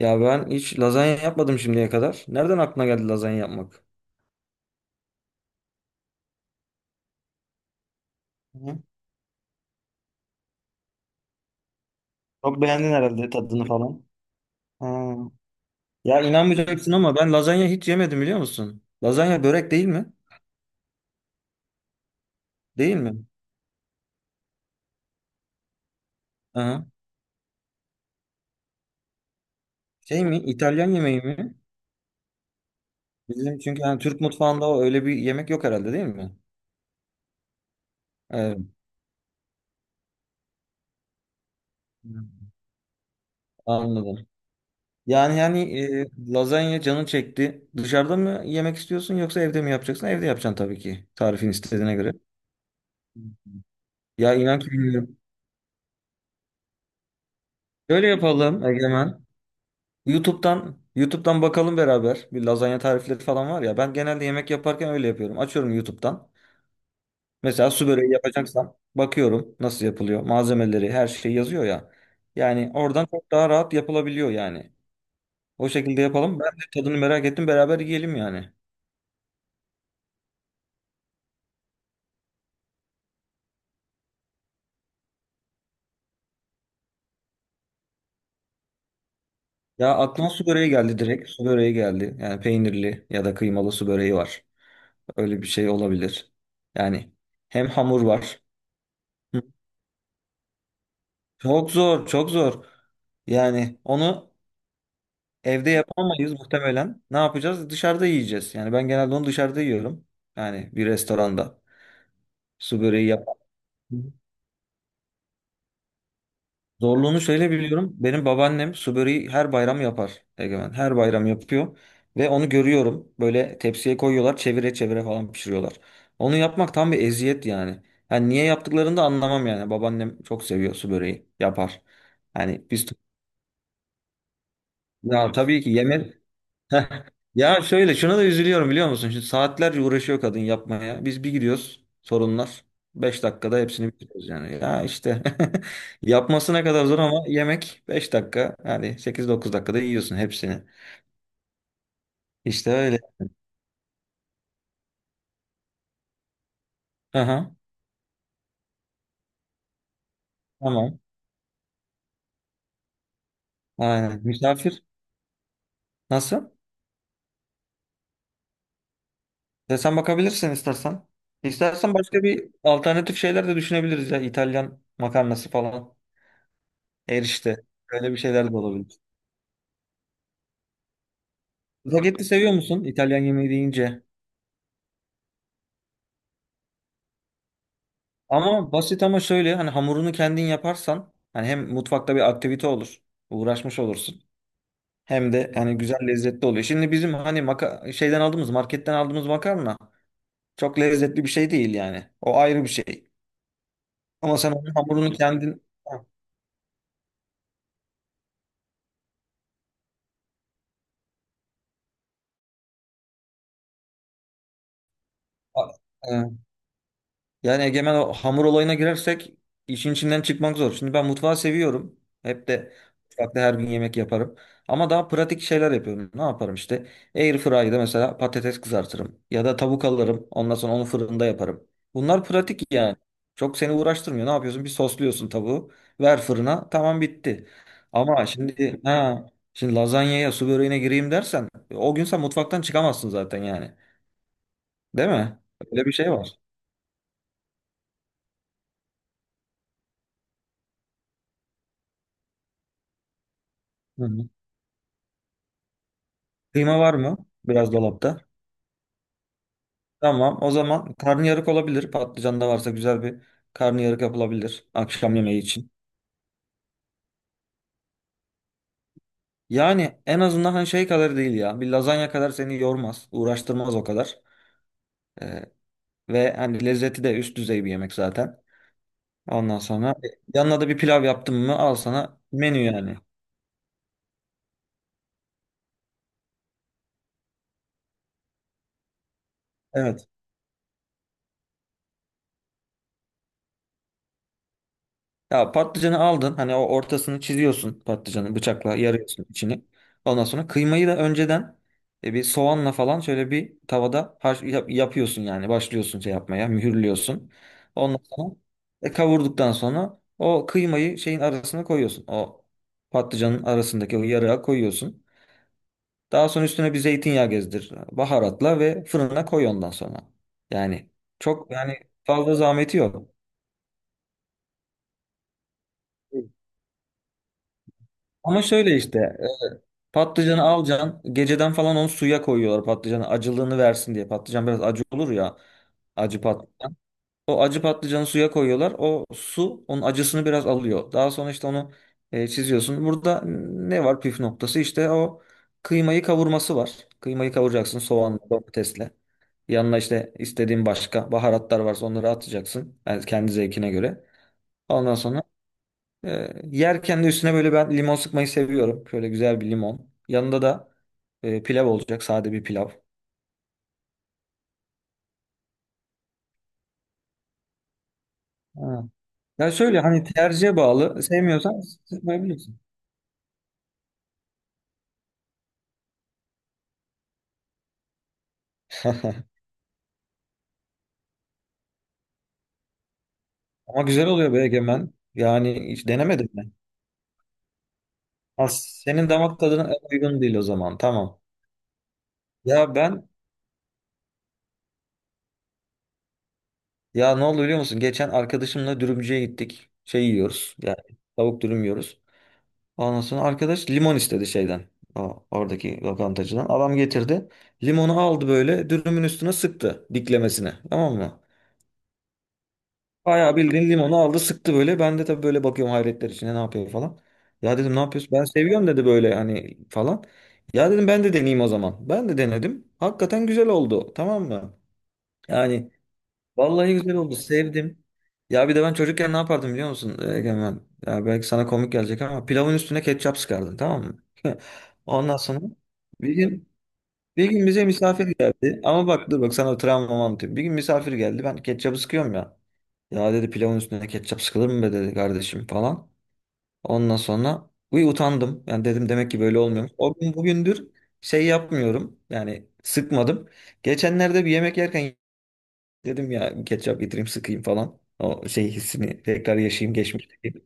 Ya ben hiç lazanya yapmadım şimdiye kadar. Nereden aklına geldi lazanya yapmak? Hı. Çok beğendin herhalde tadını falan. Ha. Ya inanmayacaksın ama ben lazanya hiç yemedim biliyor musun? Lazanya börek değil mi? Değil mi? Aha. Şey mi? İtalyan yemeği mi? Bizim çünkü yani Türk mutfağında o öyle bir yemek yok herhalde değil mi? Evet. Anladım. Lazanya canın çekti. Dışarıda mı yemek istiyorsun yoksa evde mi yapacaksın? Evde yapacaksın tabii ki. Tarifin istediğine göre. Ya inan ki bilmiyorum. Şöyle yapalım Egemen. YouTube'dan bakalım beraber. Bir lazanya tarifleri falan var ya. Ben genelde yemek yaparken öyle yapıyorum. Açıyorum YouTube'dan. Mesela su böreği yapacaksam bakıyorum nasıl yapılıyor. Malzemeleri, her şey yazıyor ya. Yani oradan çok daha rahat yapılabiliyor yani. O şekilde yapalım. Ben de tadını merak ettim. Beraber yiyelim yani. Ya aklıma su böreği geldi direkt. Su böreği geldi. Yani peynirli ya da kıymalı su böreği var. Öyle bir şey olabilir. Yani hem hamur var. Çok zor, çok zor. Yani onu evde yapamayız muhtemelen. Ne yapacağız? Dışarıda yiyeceğiz. Yani ben genelde onu dışarıda yiyorum. Yani bir restoranda. Su böreği yap. Zorluğunu şöyle biliyorum. Benim babaannem su böreği her bayram yapar. Egemen. Her bayram yapıyor. Ve onu görüyorum. Böyle tepsiye koyuyorlar. Çevire çevire falan pişiriyorlar. Onu yapmak tam bir eziyet yani. Yani niye yaptıklarını da anlamam yani. Babaannem çok seviyor su böreği. Yapar. Yani biz... Ya evet, tabii ki yemek. Heh. Ya şöyle şuna da üzülüyorum biliyor musun? Şimdi saatlerce uğraşıyor kadın yapmaya. Biz bir gidiyoruz sorunlar. 5 dakikada hepsini bitiriyoruz yani. Ya işte yapmasına kadar zor ama yemek 5 dakika. Yani 8-9 dakikada yiyorsun hepsini. İşte öyle. Aha, tamam. Aynen. Misafir nasıl? Ya sen bakabilirsin istersen. İstersen başka bir alternatif şeyler de düşünebiliriz ya. İtalyan makarnası falan. Erişte. Öyle bir şeyler de olabilir. Spagetti seviyor musun? İtalyan yemeği deyince. Ama basit ama şöyle hani hamurunu kendin yaparsan hani hem mutfakta bir aktivite olur. Uğraşmış olursun. Hem de hani güzel lezzetli oluyor. Şimdi bizim hani şeyden aldığımız marketten aldığımız makarna çok lezzetli bir şey değil yani. O ayrı bir şey. Ama sen onun hamurunu kendin. Ha. Yani Egemen o hamur olayına girersek işin içinden çıkmak zor. Şimdi ben mutfağı seviyorum. Hep de mutfakta her gün yemek yaparım. Ama daha pratik şeyler yapıyorum. Ne yaparım işte? Air fryer'da mesela patates kızartırım. Ya da tavuk alırım. Ondan sonra onu fırında yaparım. Bunlar pratik yani. Çok seni uğraştırmıyor. Ne yapıyorsun? Bir sosluyorsun tavuğu. Ver fırına. Tamam bitti. Ama şimdi lazanyaya su böreğine gireyim dersen o gün sen mutfaktan çıkamazsın zaten yani. Değil mi? Öyle bir şey var. Hı hı. Kıyma var mı? Biraz dolapta. Tamam. O zaman karnıyarık olabilir. Patlıcan da varsa güzel bir karnıyarık yapılabilir akşam yemeği için. Yani en azından hani şey kadar değil ya. Bir lazanya kadar seni yormaz, uğraştırmaz o kadar. Ee, ve hani lezzeti de üst düzey bir yemek zaten. Ondan sonra yanına da bir pilav yaptın mı al sana menü yani. Evet. Ya patlıcanı aldın. Hani o ortasını çiziyorsun patlıcanı bıçakla yarıyorsun içini. Ondan sonra kıymayı da önceden bir soğanla falan şöyle bir tavada yapıyorsun yani. Başlıyorsun şey yapmaya, mühürlüyorsun. Ondan sonra kavurduktan sonra o kıymayı şeyin arasına koyuyorsun. O patlıcanın arasındaki o yarığa koyuyorsun. Daha sonra üstüne bir zeytinyağı gezdir. Baharatla ve fırına koy ondan sonra. Yani çok yani fazla zahmeti yok. Ama şöyle işte patlıcanı alacaksın. Geceden falan onu suya koyuyorlar patlıcanı acılığını versin diye. Patlıcan biraz acı olur ya. Acı patlıcan. O acı patlıcanı suya koyuyorlar. O su onun acısını biraz alıyor. Daha sonra işte onu çiziyorsun. Burada ne var püf noktası? İşte o kıymayı kavurması var. Kıymayı kavuracaksın soğanla, domatesle. Yanına işte istediğin başka baharatlar varsa onları atacaksın. Yani kendi zevkine göre. Ondan sonra yerken de üstüne böyle ben limon sıkmayı seviyorum. Şöyle güzel bir limon. Yanında da pilav olacak. Sade bir pilav. Ha. Ya söyle hani tercihe bağlı. Sevmiyorsan sıkmayabilirsin. Ama güzel oluyor be Egemen. Yani hiç denemedim ben. Ha, senin damak tadına en uygun değil o zaman. Tamam. Ya ben ya ne oldu biliyor musun? Geçen arkadaşımla dürümcüye gittik. Şey yiyoruz. Yani tavuk dürüm yiyoruz. Ondan sonra arkadaş limon istedi şeyden. Oradaki lokantacıdan. Adam getirdi. Limonu aldı böyle dürümün üstüne sıktı diklemesine. Tamam mı? Bayağı bildiğin limonu aldı sıktı böyle. Ben de tabii böyle bakıyorum hayretler içinde ne yapıyor falan. Ya dedim ne yapıyorsun? Ben seviyorum dedi böyle hani falan. Ya dedim ben de deneyeyim o zaman. Ben de denedim. Hakikaten güzel oldu. Tamam mı? Yani vallahi güzel oldu. Sevdim. Ya bir de ben çocukken ne yapardım biliyor musun Egemen? Ya belki sana komik gelecek ama pilavın üstüne ketçap sıkardım tamam mı? Ondan sonra bir gün, bir gün bize misafir geldi. Ama bak dur bak sana travmamı anlatayım. Bir gün misafir geldi. Ben ketçabı sıkıyorum ya. Ya dedi pilavın üstüne ketçap sıkılır mı be dedi kardeşim falan. Ondan sonra utandım. Yani dedim demek ki böyle olmuyor. O gün bugündür şey yapmıyorum. Yani sıkmadım. Geçenlerde bir yemek yerken dedim ya ketçap getireyim sıkayım falan. O şey hissini tekrar yaşayayım geçmişteki.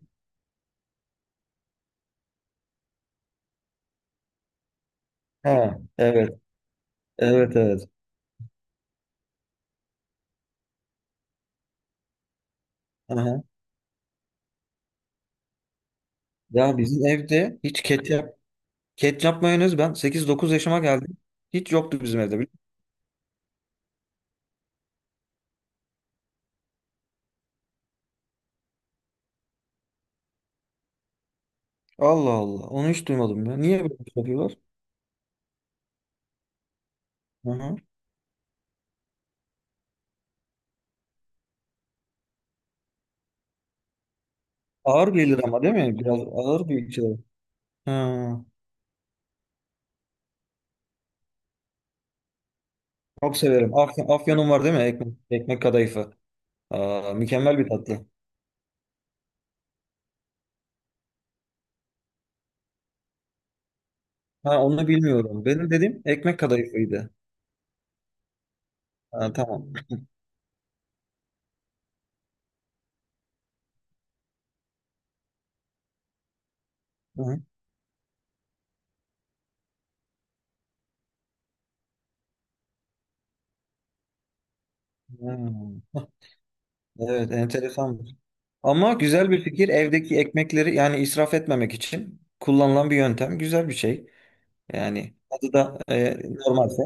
Ha, evet. Evet, evet. Aha. Ya bizim evde hiç ketçap mayonez ben 8-9 yaşıma geldim. Hiç yoktu bizim evde. Biliyor. Allah Allah. Onu hiç duymadım ya. Niye böyle bir şey yapıyorlar? Aha. Ağır gelir ama değil mi? Biraz ağır bir içecek. Ha. Çok severim. Afyon, afyonum var değil mi? Ekmek, ekmek kadayıfı. Aa, mükemmel bir tatlı. Ha, onu bilmiyorum. Benim dediğim ekmek kadayıfıydı. Ha, tamam. Hı hı. Evet, enteresanmış. Ama güzel bir fikir. Evdeki ekmekleri yani israf etmemek için kullanılan bir yöntem. Güzel bir şey. Yani adı da normalse.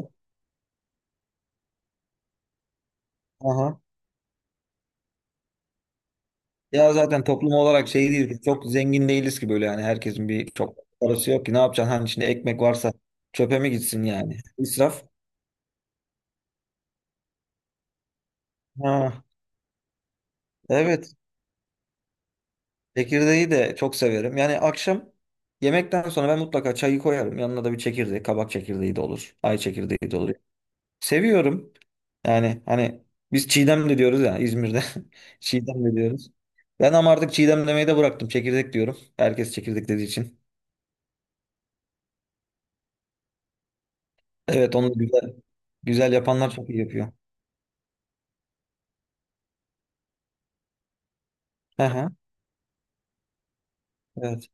Aha. Ya zaten toplum olarak şey değil ki, çok zengin değiliz ki böyle yani herkesin bir çok parası yok ki ne yapacaksın hani içinde ekmek varsa çöpe mi gitsin yani israf. Ha, evet çekirdeği de çok severim. Yani akşam yemekten sonra ben mutlaka çayı koyarım. Yanına da bir çekirdek, kabak çekirdeği de olur, ay çekirdeği de olur. Seviyorum. Yani hani biz Çiğdem de diyoruz ya İzmir'de. Çiğdem de diyoruz. Ben ama artık Çiğdem demeyi de bıraktım. Çekirdek diyorum. Herkes çekirdek dediği için. Evet onu güzel güzel yapanlar çok iyi yapıyor. Hı hı, evet.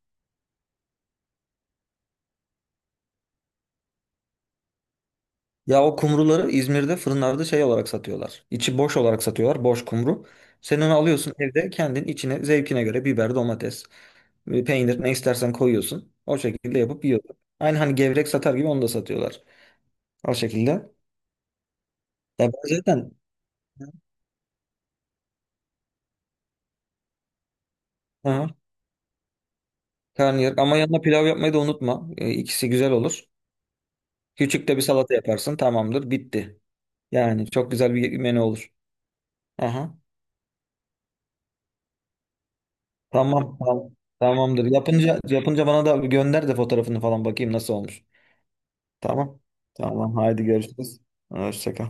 Ya o kumruları İzmir'de fırınlarda şey olarak satıyorlar. İçi boş olarak satıyorlar. Boş kumru. Sen onu alıyorsun evde kendin içine zevkine göre biber, domates, peynir ne istersen koyuyorsun. O şekilde yapıp yiyorsun. Aynı hani gevrek satar gibi onu da satıyorlar. O şekilde. Ya ben zaten hı. Karnıyarık ama yanına pilav yapmayı da unutma. İkisi güzel olur. Küçük de bir salata yaparsın. Tamamdır. Bitti. Yani çok güzel bir menü olur. Aha. Tamam, tamam. Tamamdır. Yapınca bana da gönder de fotoğrafını falan bakayım nasıl olmuş. Tamam. Tamam. Haydi görüşürüz. Hoşça kal.